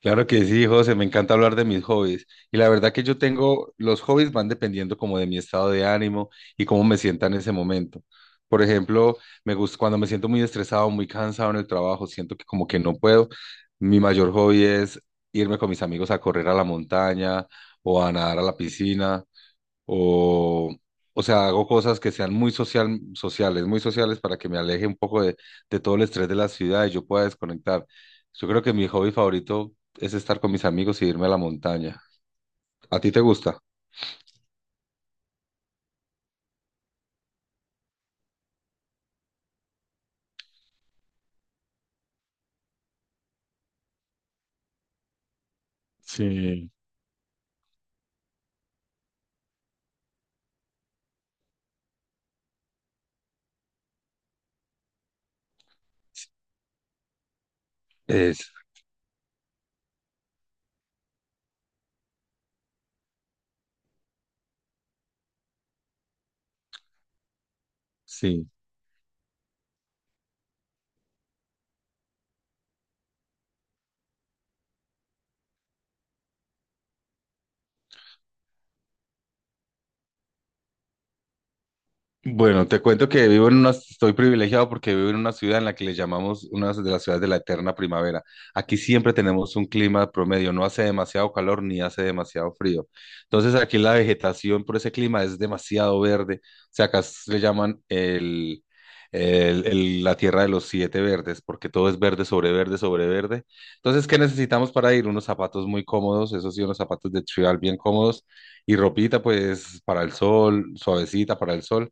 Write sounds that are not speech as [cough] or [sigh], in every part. Claro que sí, José, me encanta hablar de mis hobbies. Y la verdad que yo tengo, los hobbies van dependiendo como de mi estado de ánimo y cómo me sienta en ese momento. Por ejemplo, me gusta cuando me siento muy estresado, muy cansado en el trabajo, siento que como que no puedo. Mi mayor hobby es irme con mis amigos a correr a la montaña o a nadar a la piscina o, o sea, hago cosas que sean muy sociales para que me aleje un poco de todo el estrés de la ciudad y yo pueda desconectar. Yo creo que mi hobby favorito es estar con mis amigos y irme a la montaña. ¿A ti te gusta? Sí. Es. Sí. Bueno, te cuento que vivo en una, estoy privilegiado porque vivo en una ciudad en la que le llamamos una de las ciudades de la eterna primavera. Aquí siempre tenemos un clima promedio, no hace demasiado calor ni hace demasiado frío. Entonces aquí la vegetación por ese clima es demasiado verde. O sea, acá le llaman la tierra de los siete verdes, porque todo es verde sobre verde sobre verde. Entonces, ¿qué necesitamos para ir? Unos zapatos muy cómodos, eso sí, unos zapatos de tribal bien cómodos y ropita pues para el sol, suavecita para el sol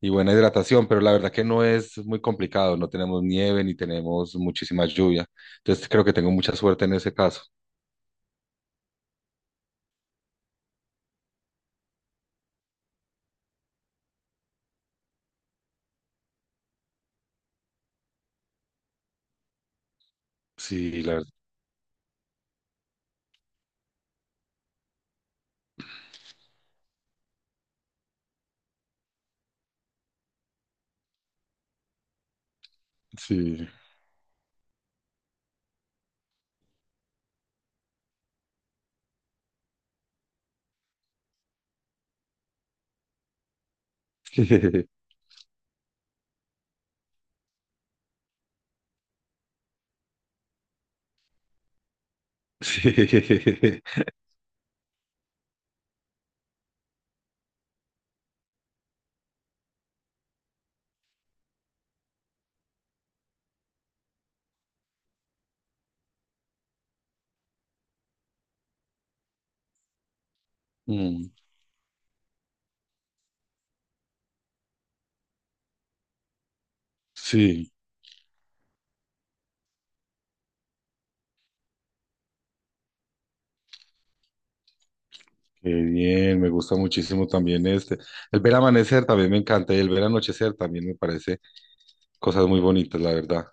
y buena hidratación, pero la verdad que no es muy complicado, no tenemos nieve ni tenemos muchísima lluvia, entonces creo que tengo mucha suerte en ese caso. Sí, la verdad, sí. [laughs] Sí. Mm, sí, qué bien, me gusta muchísimo también este. El ver amanecer también me encanta y el ver anochecer también me parece cosas muy bonitas, la verdad.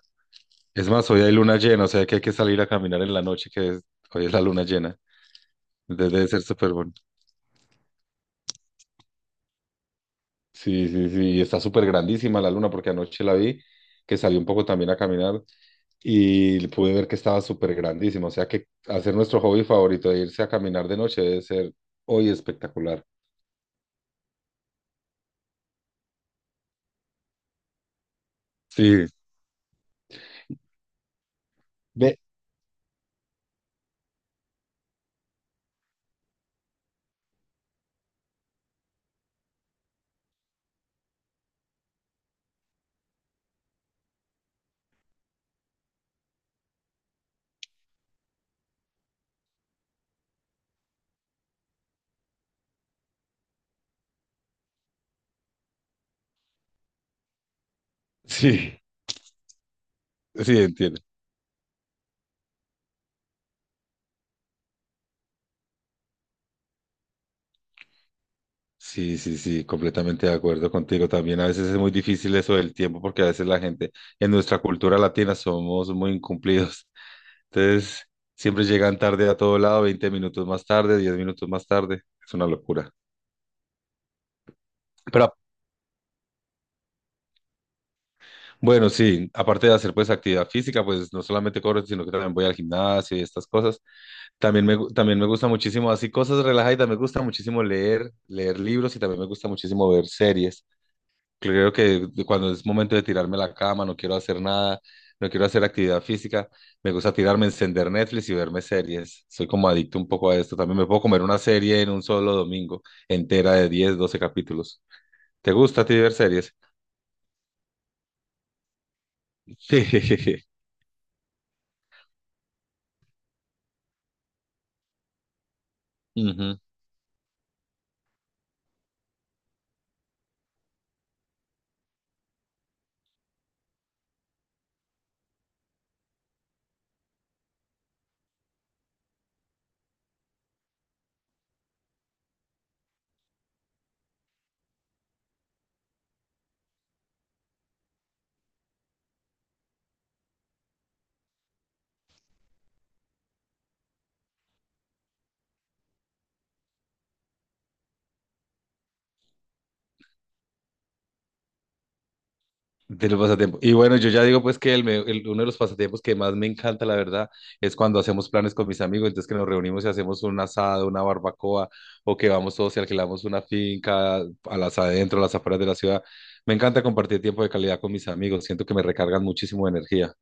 Es más, hoy hay luna llena, o sea que hay que salir a caminar en la noche, que es- hoy es la luna llena. Entonces debe ser súper bonito. Sí, sí, sí, y está súper grandísima la luna porque anoche la vi, que salí un poco también a caminar y pude ver que estaba súper grandísima, o sea que hacer nuestro hobby favorito de irse a caminar de noche debe ser hoy espectacular. Sí, ve, [laughs] sí, sí, entiendo. Sí, sí, sí, completamente de acuerdo contigo. También a veces es muy difícil eso del tiempo porque a veces la gente en nuestra cultura latina somos muy incumplidos. Entonces, siempre llegan tarde a todo lado, 20 minutos más tarde, 10 minutos más tarde. Es una locura. Pero bueno, sí, aparte de hacer pues actividad física, pues no solamente corro, sino que también voy al gimnasio y estas cosas. También me gusta muchísimo, así cosas relajadas. Me gusta muchísimo leer, leer libros y también me gusta muchísimo ver series. Creo que cuando es momento de tirarme a la cama, no quiero hacer nada, no quiero hacer actividad física, me gusta tirarme, encender Netflix y verme series. Soy como adicto un poco a esto. También me puedo comer una serie en un solo domingo, entera de 10, 12 capítulos. ¿Te gusta a ti ver series? [laughs] Sí. De los pasatiempos. Y bueno, yo ya digo pues que uno de los pasatiempos que más me encanta, la verdad, es cuando hacemos planes con mis amigos, entonces que nos reunimos y hacemos un asado, una barbacoa, o que vamos todos y alquilamos una finca a las afueras de la ciudad. Me encanta compartir tiempo de calidad con mis amigos, siento que me recargan muchísimo de energía.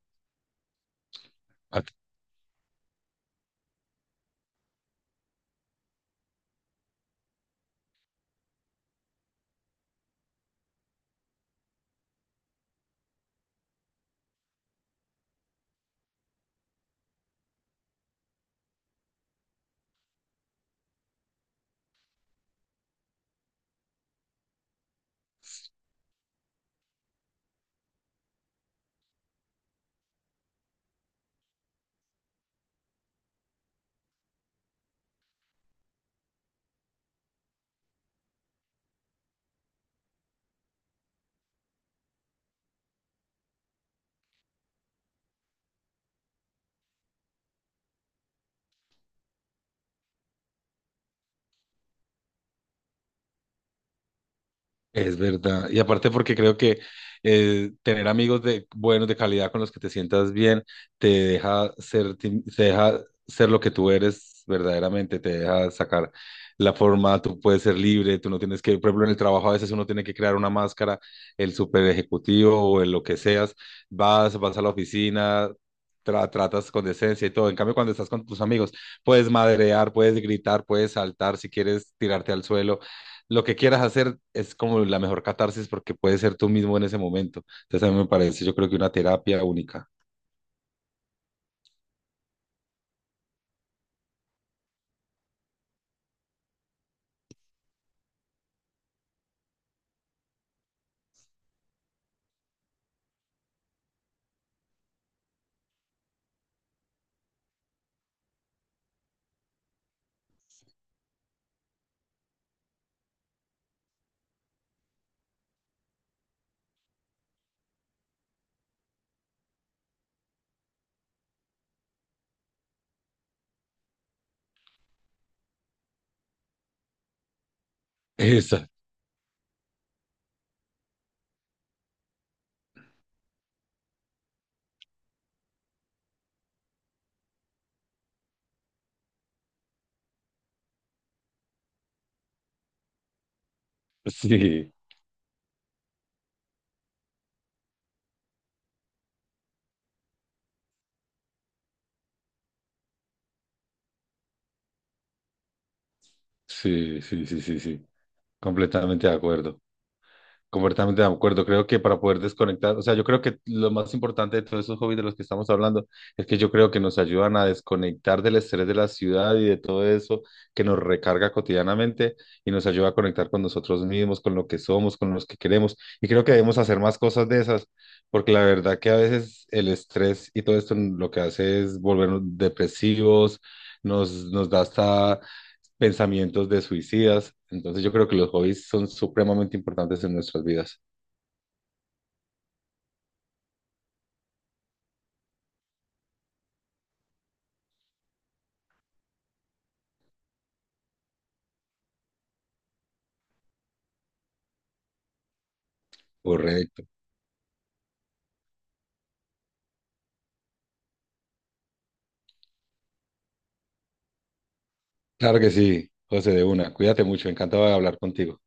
Es verdad. Y aparte porque creo que tener amigos de buenos, de calidad, con los que te sientas bien, te deja ser lo que tú eres verdaderamente, te deja sacar la forma, tú puedes ser libre, tú no tienes que, por ejemplo, en el trabajo a veces uno tiene que crear una máscara, el super ejecutivo o el lo que seas, vas a la oficina. Tra- tratas con decencia y todo. En cambio, cuando estás con tus amigos, puedes madrear, puedes gritar, puedes saltar si quieres tirarte al suelo lo que quieras hacer es como la mejor catarsis porque puedes ser tú mismo en ese momento. Entonces a mí me parece, yo creo que una terapia única. [laughs] Esa, sí, sí, sí, sí, sí, sí, completamente de acuerdo. Completamente de acuerdo. Creo que para poder desconectar, o sea, yo creo que lo más importante de todos esos hobbies de los que estamos hablando es que yo creo que nos ayudan a desconectar del estrés de la ciudad y de todo eso que nos recarga cotidianamente y nos ayuda a conectar con nosotros mismos, con lo que somos, con los que queremos. Y creo que debemos hacer más cosas de esas, porque la verdad que a veces el estrés y todo esto lo que hace es volvernos depresivos, nos da hasta pensamientos de suicidas. Entonces yo creo que los hobbies son supremamente importantes en nuestras vidas. Correcto. Claro que sí, José, de una. Cuídate mucho, encantado de hablar contigo.